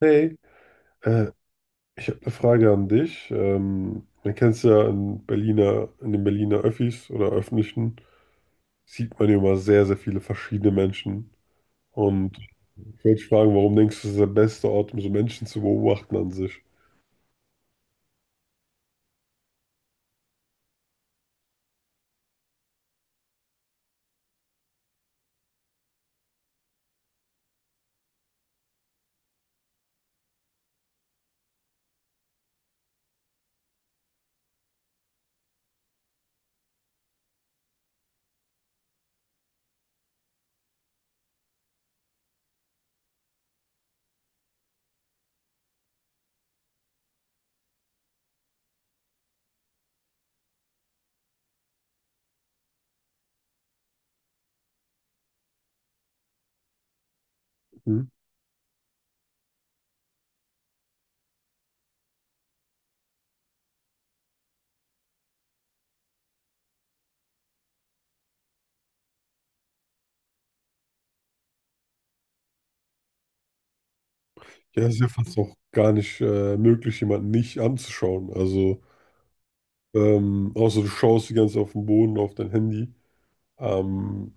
Hey, äh, ich habe eine Frage an dich. Man kennt es ja in Berliner, in den Berliner Öffis oder öffentlichen, sieht man ja immer sehr, sehr viele verschiedene Menschen. Und ich wollte dich fragen, warum denkst du, das ist der beste Ort, um so Menschen zu beobachten an sich? Hm? Ja, es ist ja fast auch gar nicht möglich, jemanden nicht anzuschauen. Also, außer du schaust die ganze Zeit auf den Boden, auf dein Handy. Ähm,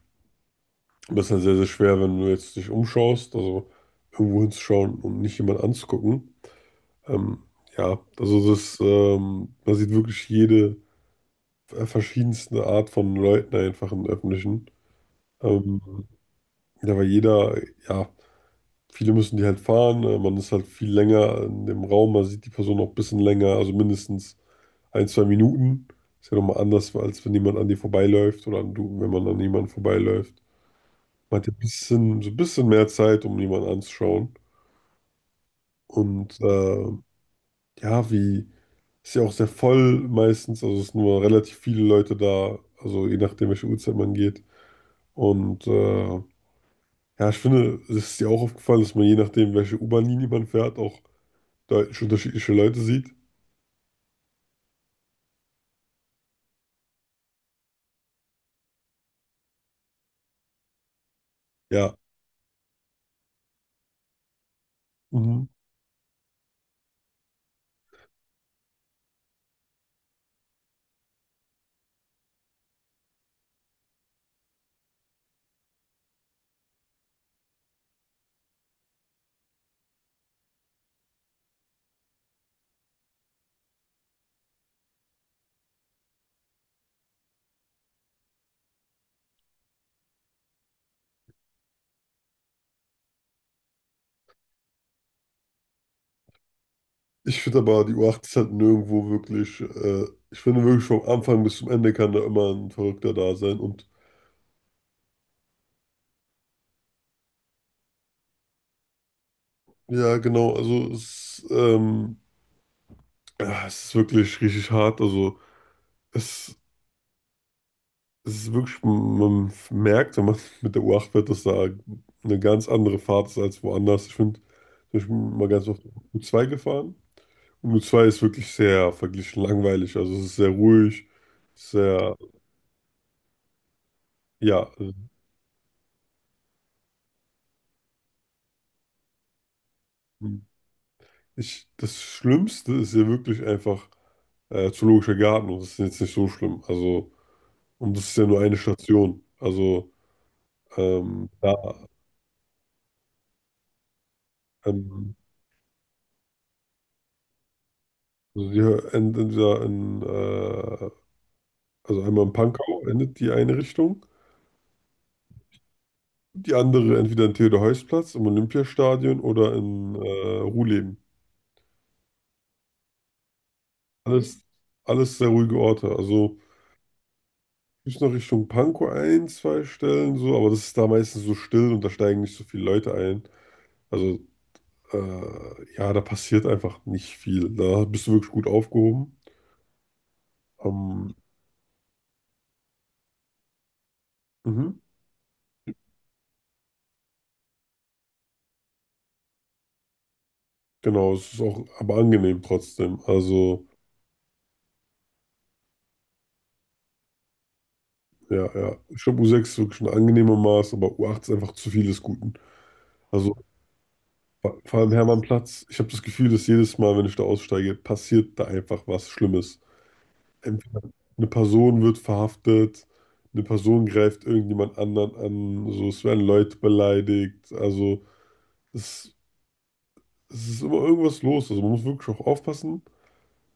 das ist dann sehr, sehr schwer, wenn du jetzt dich umschaust, also irgendwo hinzuschauen und nicht jemanden anzugucken. Ähm, ja, also das, man sieht wirklich jede verschiedenste Art von Leuten einfach im Öffentlichen. Ähm, ja, weil jeder, ja, viele müssen die halt fahren, man ist halt viel länger in dem Raum, man sieht die Person noch ein bisschen länger, also mindestens ein, zwei Minuten. Ist ja nochmal anders, als wenn jemand an dir vorbeiläuft oder wenn man an jemanden vorbeiläuft. Man hat ja ein bisschen, so ein bisschen mehr Zeit, um jemanden anzuschauen. Und ja, wie. Ist ja auch sehr voll meistens, also es sind nur relativ viele Leute da, also je nachdem, welche Uhrzeit man geht. Und ja, ich finde, es ist dir auch aufgefallen, dass man je nachdem, welche U-Bahn-Linie man fährt, auch deutlich unterschiedliche Leute sieht. Ja. Mhm. Ich finde aber, die U8 ist halt nirgendwo wirklich, ich finde wirklich vom Anfang bis zum Ende kann da immer ein Verrückter da sein. Und ja, genau, also es, ja, es ist wirklich richtig hart. Also es es ist wirklich, man merkt, wenn man mit der U8 fährt, dass da eine ganz andere Fahrt ist als woanders. Ich finde, ich bin mal ganz oft U2 gefahren. Und U2 ist wirklich sehr verglichen langweilig. Also es ist sehr ruhig, sehr, ja. Das Schlimmste ist ja wirklich einfach Zoologischer Garten und das ist jetzt nicht so schlimm. Also, und das ist ja nur eine Station. Also, da, ähm, also hier also einmal in Pankow endet die eine Richtung, die andere entweder in Theodor-Heuss-Platz, im Olympiastadion oder in Ruhleben. Alles, alles sehr ruhige Orte. Also bis noch Richtung Pankow ein, zwei Stellen so, aber das ist da meistens so still und da steigen nicht so viele Leute ein. Also ja, da passiert einfach nicht viel. Da bist du wirklich gut aufgehoben. Ähm, mhm. Genau, es ist auch aber angenehm trotzdem. Also ja, ja. Ich glaube, U6 ist wirklich ein angenehmer Maß, aber U8 ist einfach zu vieles Guten. Also vor allem Hermannplatz. Ich habe das Gefühl, dass jedes Mal, wenn ich da aussteige, passiert da einfach was Schlimmes. Entweder eine Person wird verhaftet, eine Person greift irgendjemand anderen an, so, es werden Leute beleidigt. Also es, es ist immer irgendwas los. Also man muss wirklich auch aufpassen.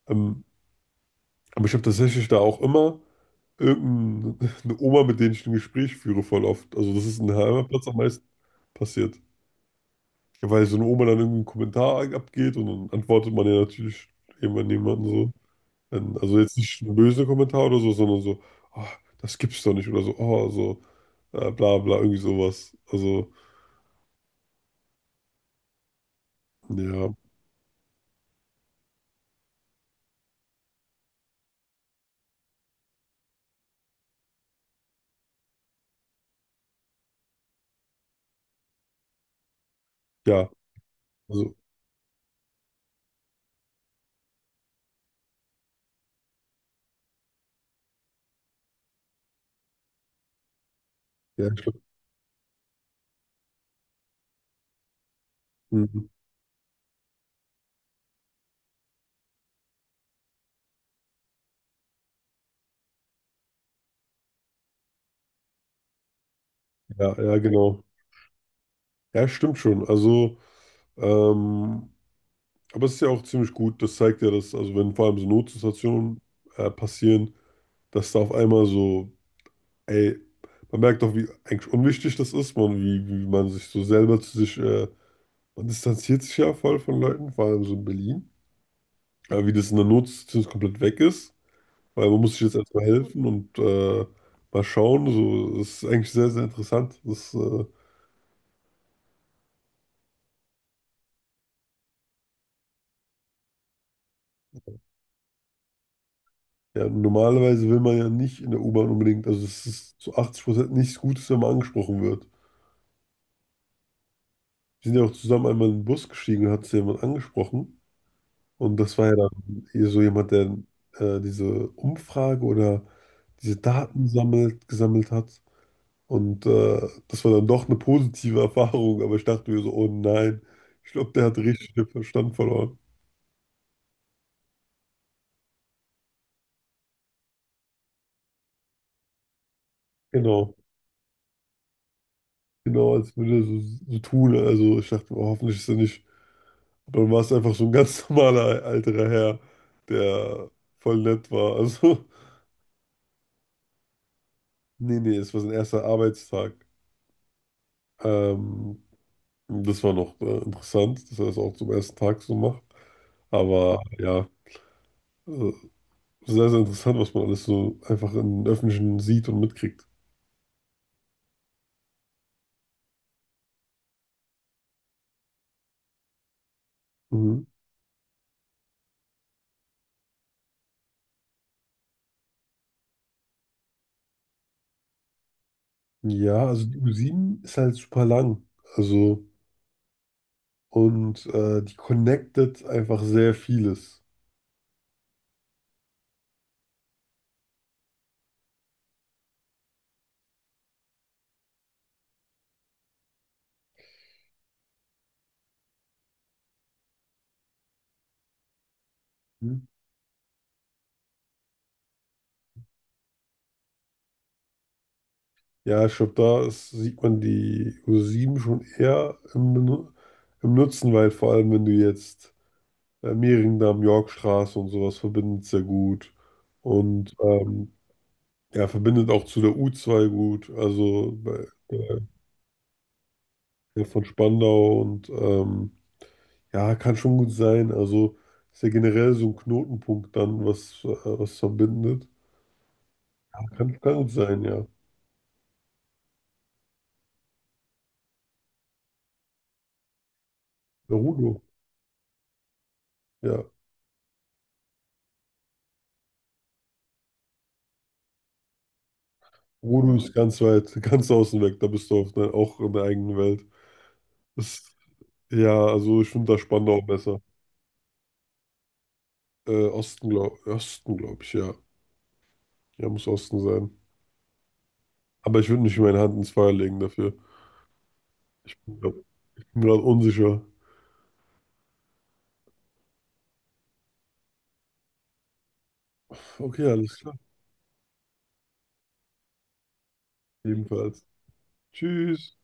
Ähm, aber ich habe tatsächlich da auch immer irgendeine Oma, mit denen ich ein Gespräch führe, voll oft. Also das ist in Hermannplatz am meisten passiert. Weil so eine Oma dann irgendeinen Kommentar abgeht und dann antwortet man ja natürlich jemand jemanden so. Dann- Also jetzt nicht ein böse Kommentar oder so, sondern so, ah, das gibt's doch nicht oder so, oh, so, bla bla, irgendwie sowas. Also, ja, ja, also, ja, ich glaub, mhm. Ja, ja, genau. Ja, stimmt schon. Also, ähm, aber es ist ja auch ziemlich gut, das zeigt ja, dass, also wenn vor allem so Notsituationen passieren, dass da auf einmal so, ey, man merkt doch, wie eigentlich unwichtig das ist, man, wie, wie man sich so selber zu sich, man distanziert sich ja voll von Leuten, vor allem so in Berlin. Aber wie das in der Notsituation komplett weg ist, weil man muss sich jetzt erstmal helfen und mal schauen. So, das ist eigentlich sehr, sehr interessant. Ja, normalerweise will man ja nicht in der U-Bahn unbedingt, also es ist zu 80% nichts Gutes, wenn man angesprochen wird. Wir sind ja auch zusammen einmal in den Bus gestiegen und hat sich jemand angesprochen. Und das war ja dann eher so jemand, der diese Umfrage oder diese Daten sammelt, gesammelt hat. Und das war dann doch eine positive Erfahrung, aber ich dachte mir so, oh nein, ich glaube, der hat richtig den Verstand verloren. Genau, genau, als würde er so, so tun. Also ich dachte, oh, hoffentlich ist er nicht. Aber dann war es einfach so ein ganz normaler älterer Herr, der voll nett war. Also, nee, nee, es war sein erster Arbeitstag. Ähm, das war noch interessant, dass er das auch zum ersten Tag so macht. Aber ja, äh, sehr, sehr interessant, was man alles so einfach im Öffentlichen sieht und mitkriegt. Mhm. Ja, also die U7 ist halt super lang. Also, und die connectet einfach sehr vieles. Mhm. Ja, ich glaube, da ist, sieht man die U7 schon eher im, Benu- im Nutzen, weil vor allem, wenn du jetzt Mehringdamm, Yorkstraße und sowas verbindet sehr gut. Und ja, verbindet auch zu der U2 gut. Also bei, von Spandau und ja, kann schon gut sein. Also ist ja generell so ein Knotenpunkt dann, was verbindet. Kann gut sein, ja. Ja, Rudo. Ja. Rudo ist ganz weit, ganz außen weg. Da bist du auf der, auch in der eigenen Welt. Das, ja, also ich finde da Spandau besser. Osten, glaube Osten, glaub ich, ja. Ja, muss Osten sein. Aber ich würde nicht meine Hand ins Feuer legen dafür. Ja, ich bin gerade unsicher. Okay, alles klar. Ebenfalls. Tschüss.